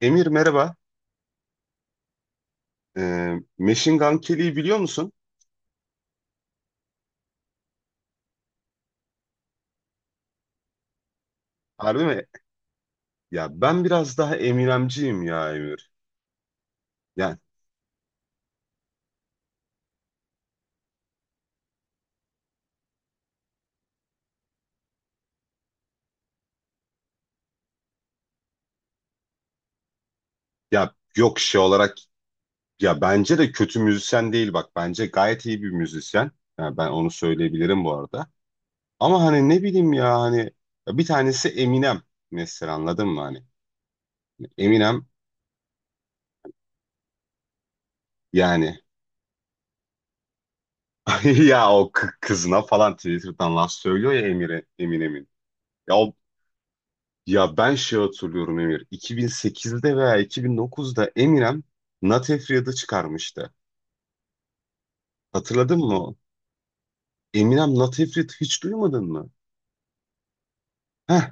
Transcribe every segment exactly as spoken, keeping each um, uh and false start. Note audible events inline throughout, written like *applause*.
Emir, merhaba. Ee, Machine Gun Kelly'yi biliyor musun? Harbi mi? Ya ben biraz daha Eminemciyim ya Emir. Yani ya yok, şey olarak ya bence de kötü müzisyen değil, bak. Bence gayet iyi bir müzisyen. Ya ben onu söyleyebilirim bu arada. Ama hani ne bileyim ya, hani ya bir tanesi Eminem mesela, anladın mı hani? Eminem, yani. *laughs* Ya o kı- kızına falan Twitter'dan laf söylüyor ya, Emir'e Eminem'in. Ya o. Ya ben şey hatırlıyorum Emir. iki bin sekizde veya iki bin dokuzda Eminem Not Afraid'ı çıkarmıştı. Hatırladın mı, o? Eminem Not Afraid hiç duymadın mı? Heh,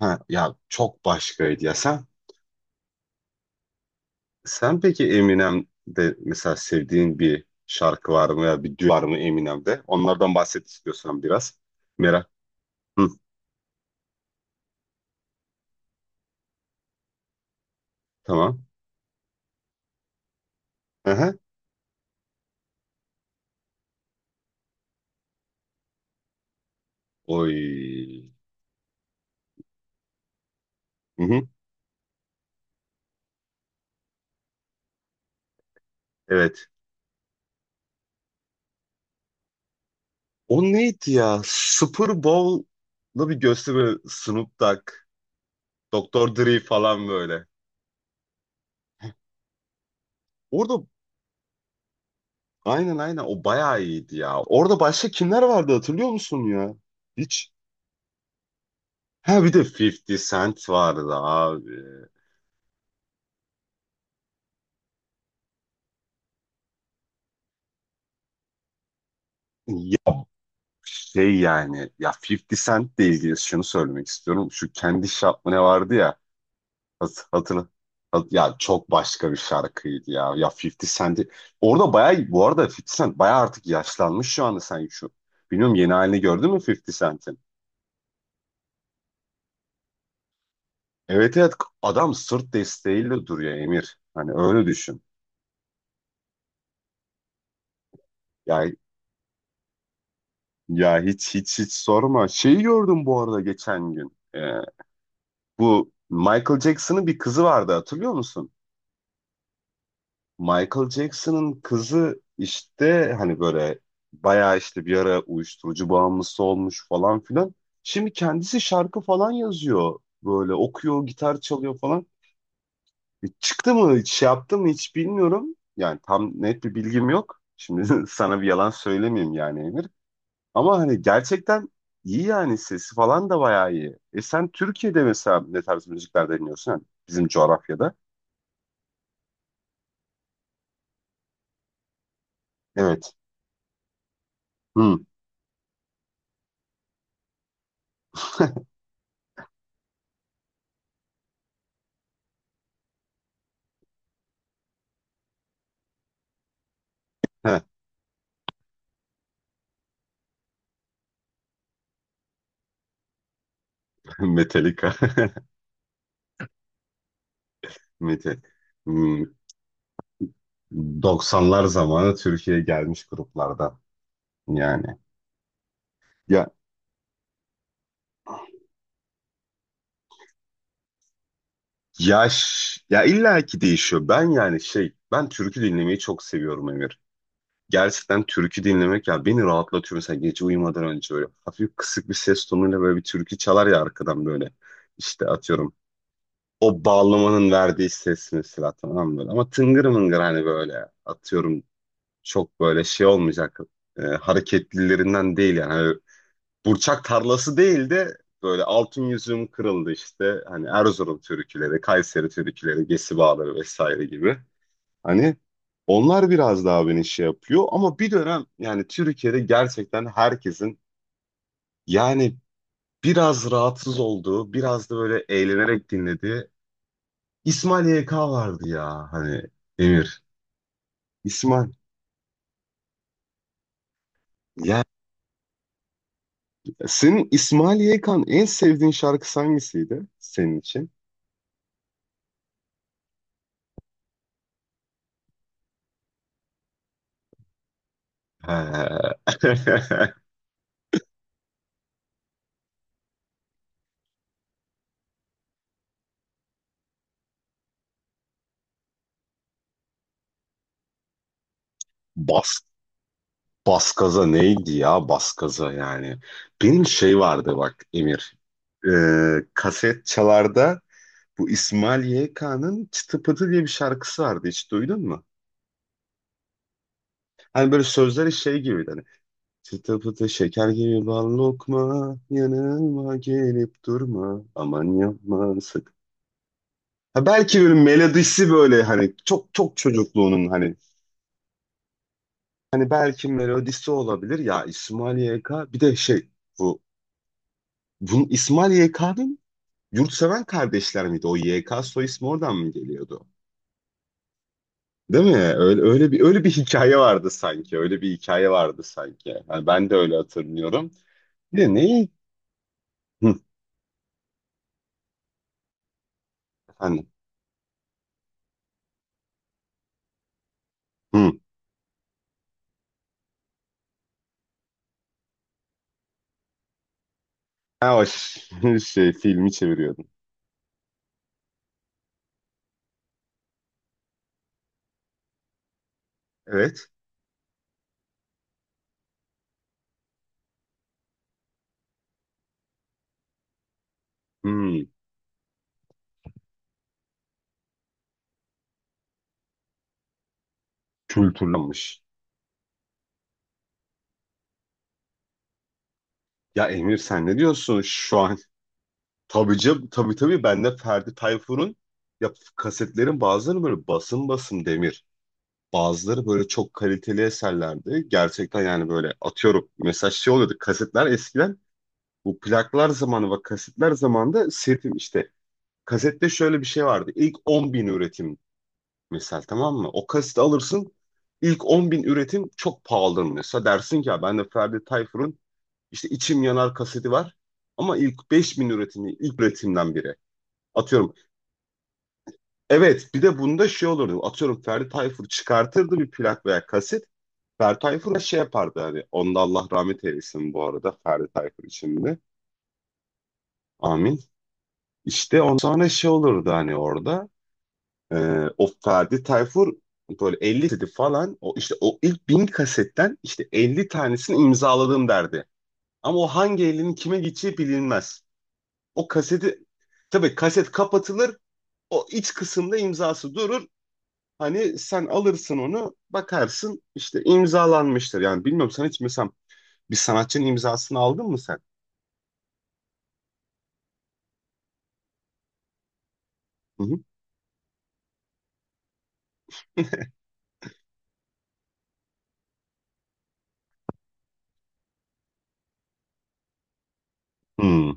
ha ya çok başkaydı ya. Sen sen peki Eminem'de mesela sevdiğin bir şarkı var mı, ya bir düet var mı Eminem'de? Onlardan bahset istiyorsan biraz. Merak. Hı, tamam. Aha. Oy. Hı hı. Evet. O neydi ya? Super Bowl'da bir gösteri, Snoop Dogg. Doktor Dre falan böyle. Orada aynen, aynen o bayağı iyiydi ya. Orada başka kimler vardı, hatırlıyor musun ya? Hiç. Ha, bir de elli Cent vardı abi. Ya şey yani, ya elli Cent'le ilgili şunu söylemek istiyorum. Şu kendi şarkı ne vardı ya, hat- hatırla. hat- Ya çok başka bir şarkıydı ya. Ya elli Cent'i orada bayağı, bu arada elli Cent bayağı artık yaşlanmış şu anda, sen şu. Bilmiyorum, yeni halini gördün mü elli Cent'in? Evet, evet, adam sırt desteğiyle duruyor Emir. Hani öyle düşün. Ya, ya hiç, hiç, hiç sorma. Şeyi gördüm bu arada geçen gün. Ee, bu Michael Jackson'ın bir kızı vardı, hatırlıyor musun? Michael Jackson'ın kızı işte hani böyle bayağı işte bir ara uyuşturucu bağımlısı olmuş falan filan. Şimdi kendisi şarkı falan yazıyor. Böyle okuyor, gitar çalıyor falan. Çıktı mı, hiç şey yaptı mı hiç bilmiyorum. Yani tam net bir bilgim yok. Şimdi *laughs* sana bir yalan söylemeyeyim yani Emir. Ama hani gerçekten iyi yani, sesi falan da bayağı iyi. E sen Türkiye'de mesela ne tarz müzikler dinliyorsun? Yani bizim coğrafyada. Evet. Hmm. *laughs* Metallica. *laughs* Metal. Hmm. doksanlar zamanı Türkiye'ye gelmiş gruplardan yani. Ya yaş ya illaki değişiyor. Ben yani şey, ben türkü dinlemeyi çok seviyorum Emir. Gerçekten türkü dinlemek ya beni rahatlatıyor. Mesela gece uyumadan önce böyle hafif kısık bir ses tonuyla böyle bir türkü çalar ya arkadan böyle. İşte atıyorum, o bağlamanın verdiği ses mesela, tamam mı, böyle. Ama tıngır mıngır hani böyle, atıyorum çok böyle şey olmayacak, e, hareketlilerinden değil yani. Hani burçak tarlası değil de böyle altın yüzüğüm kırıldı işte. Hani Erzurum türküleri, Kayseri türküleri, Gesi Bağları vesaire gibi. Hani onlar biraz daha beni şey yapıyor, ama bir dönem yani Türkiye'de gerçekten herkesin yani biraz rahatsız olduğu, biraz da böyle eğlenerek dinlediği İsmail Y K vardı ya, hani Emir. İsmail. Yani senin İsmail Y K'nın en sevdiğin şarkısı hangisiydi senin için? He. *laughs* Bas, Baskaza neydi ya, Baskaza yani. Benim şey vardı bak Emir. Ee, kaset çalarda bu İsmail Y K'nın Çıtı Pıtı diye bir şarkısı vardı, hiç duydun mu? Hani böyle sözleri şey gibiydi hani. Çıtı pıtı şeker gibi bal lokma, yanıma gelip durma, aman yapma sık. Ha, belki böyle melodisi böyle hani çok çok çocukluğunun hani, hani belki melodisi olabilir ya. İsmail Y K bir de şey, bu, bunun İsmail Y K'nın, Yurtseven kardeşler miydi? O Y K soy ismi oradan mı geliyordu? Değil mi? Öyle, öyle bir öyle bir hikaye vardı sanki. Öyle bir hikaye vardı sanki. Yani ben de öyle hatırlıyorum. Bir de neyi? Hı, efendim. Hı. Ha, o ş- *laughs* şey filmi çeviriyordum. Evet. Hı, kültürlenmiş. Ya Emir, sen ne diyorsun şu an? Tabii canım, tabii, tabii ben de Ferdi Tayfur'un, ya kasetlerin bazıları böyle basım basım demir. Bazıları böyle çok kaliteli eserlerdi. Gerçekten yani böyle, atıyorum. Mesela şey oluyordu kasetler eskiden. Bu plaklar zamanı ve kasetler zamanında sirtim işte. Kasette şöyle bir şey vardı. İlk on bin üretim mesela, tamam mı? O kaseti alırsın. İlk on bin üretim çok pahalıdır mesela. Dersin ki ya, ben de Ferdi Tayfur'un işte İçim Yanar kaseti var. Ama ilk beş bin üretimi, ilk üretimden biri. Atıyorum. Evet, bir de bunda şey olurdu. Atıyorum, Ferdi Tayfur çıkartırdı bir plak veya kaset. Ferdi Tayfur'a şey yapardı hani. Onda, Allah rahmet eylesin bu arada Ferdi Tayfur için de. Amin. İşte ondan sonra şey olurdu hani orada. e, o Ferdi Tayfur böyle elli kaseti falan, o işte o ilk bin kasetten işte elli tanesini imzaladım derdi. Ama o hangi elinin kime gideceği bilinmez. O kaseti, tabii kaset kapatılır. O iç kısımda imzası durur. Hani sen alırsın onu, bakarsın işte, imzalanmıştır. Yani bilmiyorum, sen hiç mesela bir sanatçının imzasını aldın mı sen? Hı hı. Hı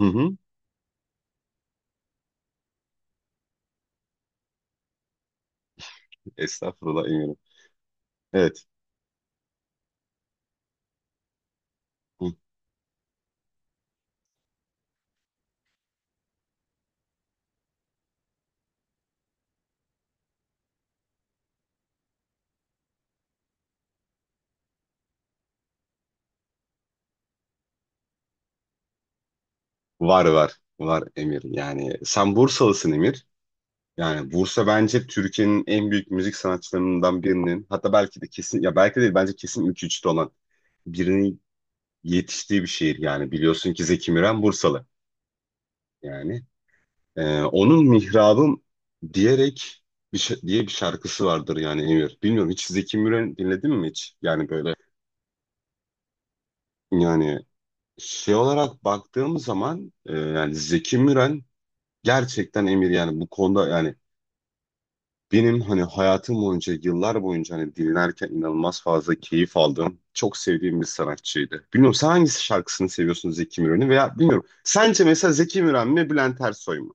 hı. Hı. Estağfurullah, eminim. Evet. Hı. Var, var. Var Emir. Yani sen Bursalısın Emir. Yani Bursa bence Türkiye'nin en büyük müzik sanatçılarından birinin, hatta belki de kesin ya belki değil bence kesin ilk üçte olan birinin yetiştiği bir şehir, yani biliyorsun ki Zeki Müren Bursalı yani. Ee, onun Mihrabım diyerek bir şa- diye bir şarkısı vardır yani Emir. Bilmiyorum, hiç Zeki Müren dinledin mi hiç? Yani böyle yani şey olarak baktığım zaman, e, yani Zeki Müren, gerçekten Emir yani bu konuda yani. Benim hani hayatım boyunca, yıllar boyunca hani dinlerken inanılmaz fazla keyif aldığım, çok sevdiğim bir sanatçıydı. Bilmiyorum sen hangisi şarkısını seviyorsun Zeki Müren'in veya bilmiyorum. Sence mesela Zeki Müren mi, Bülent Ersoy mu?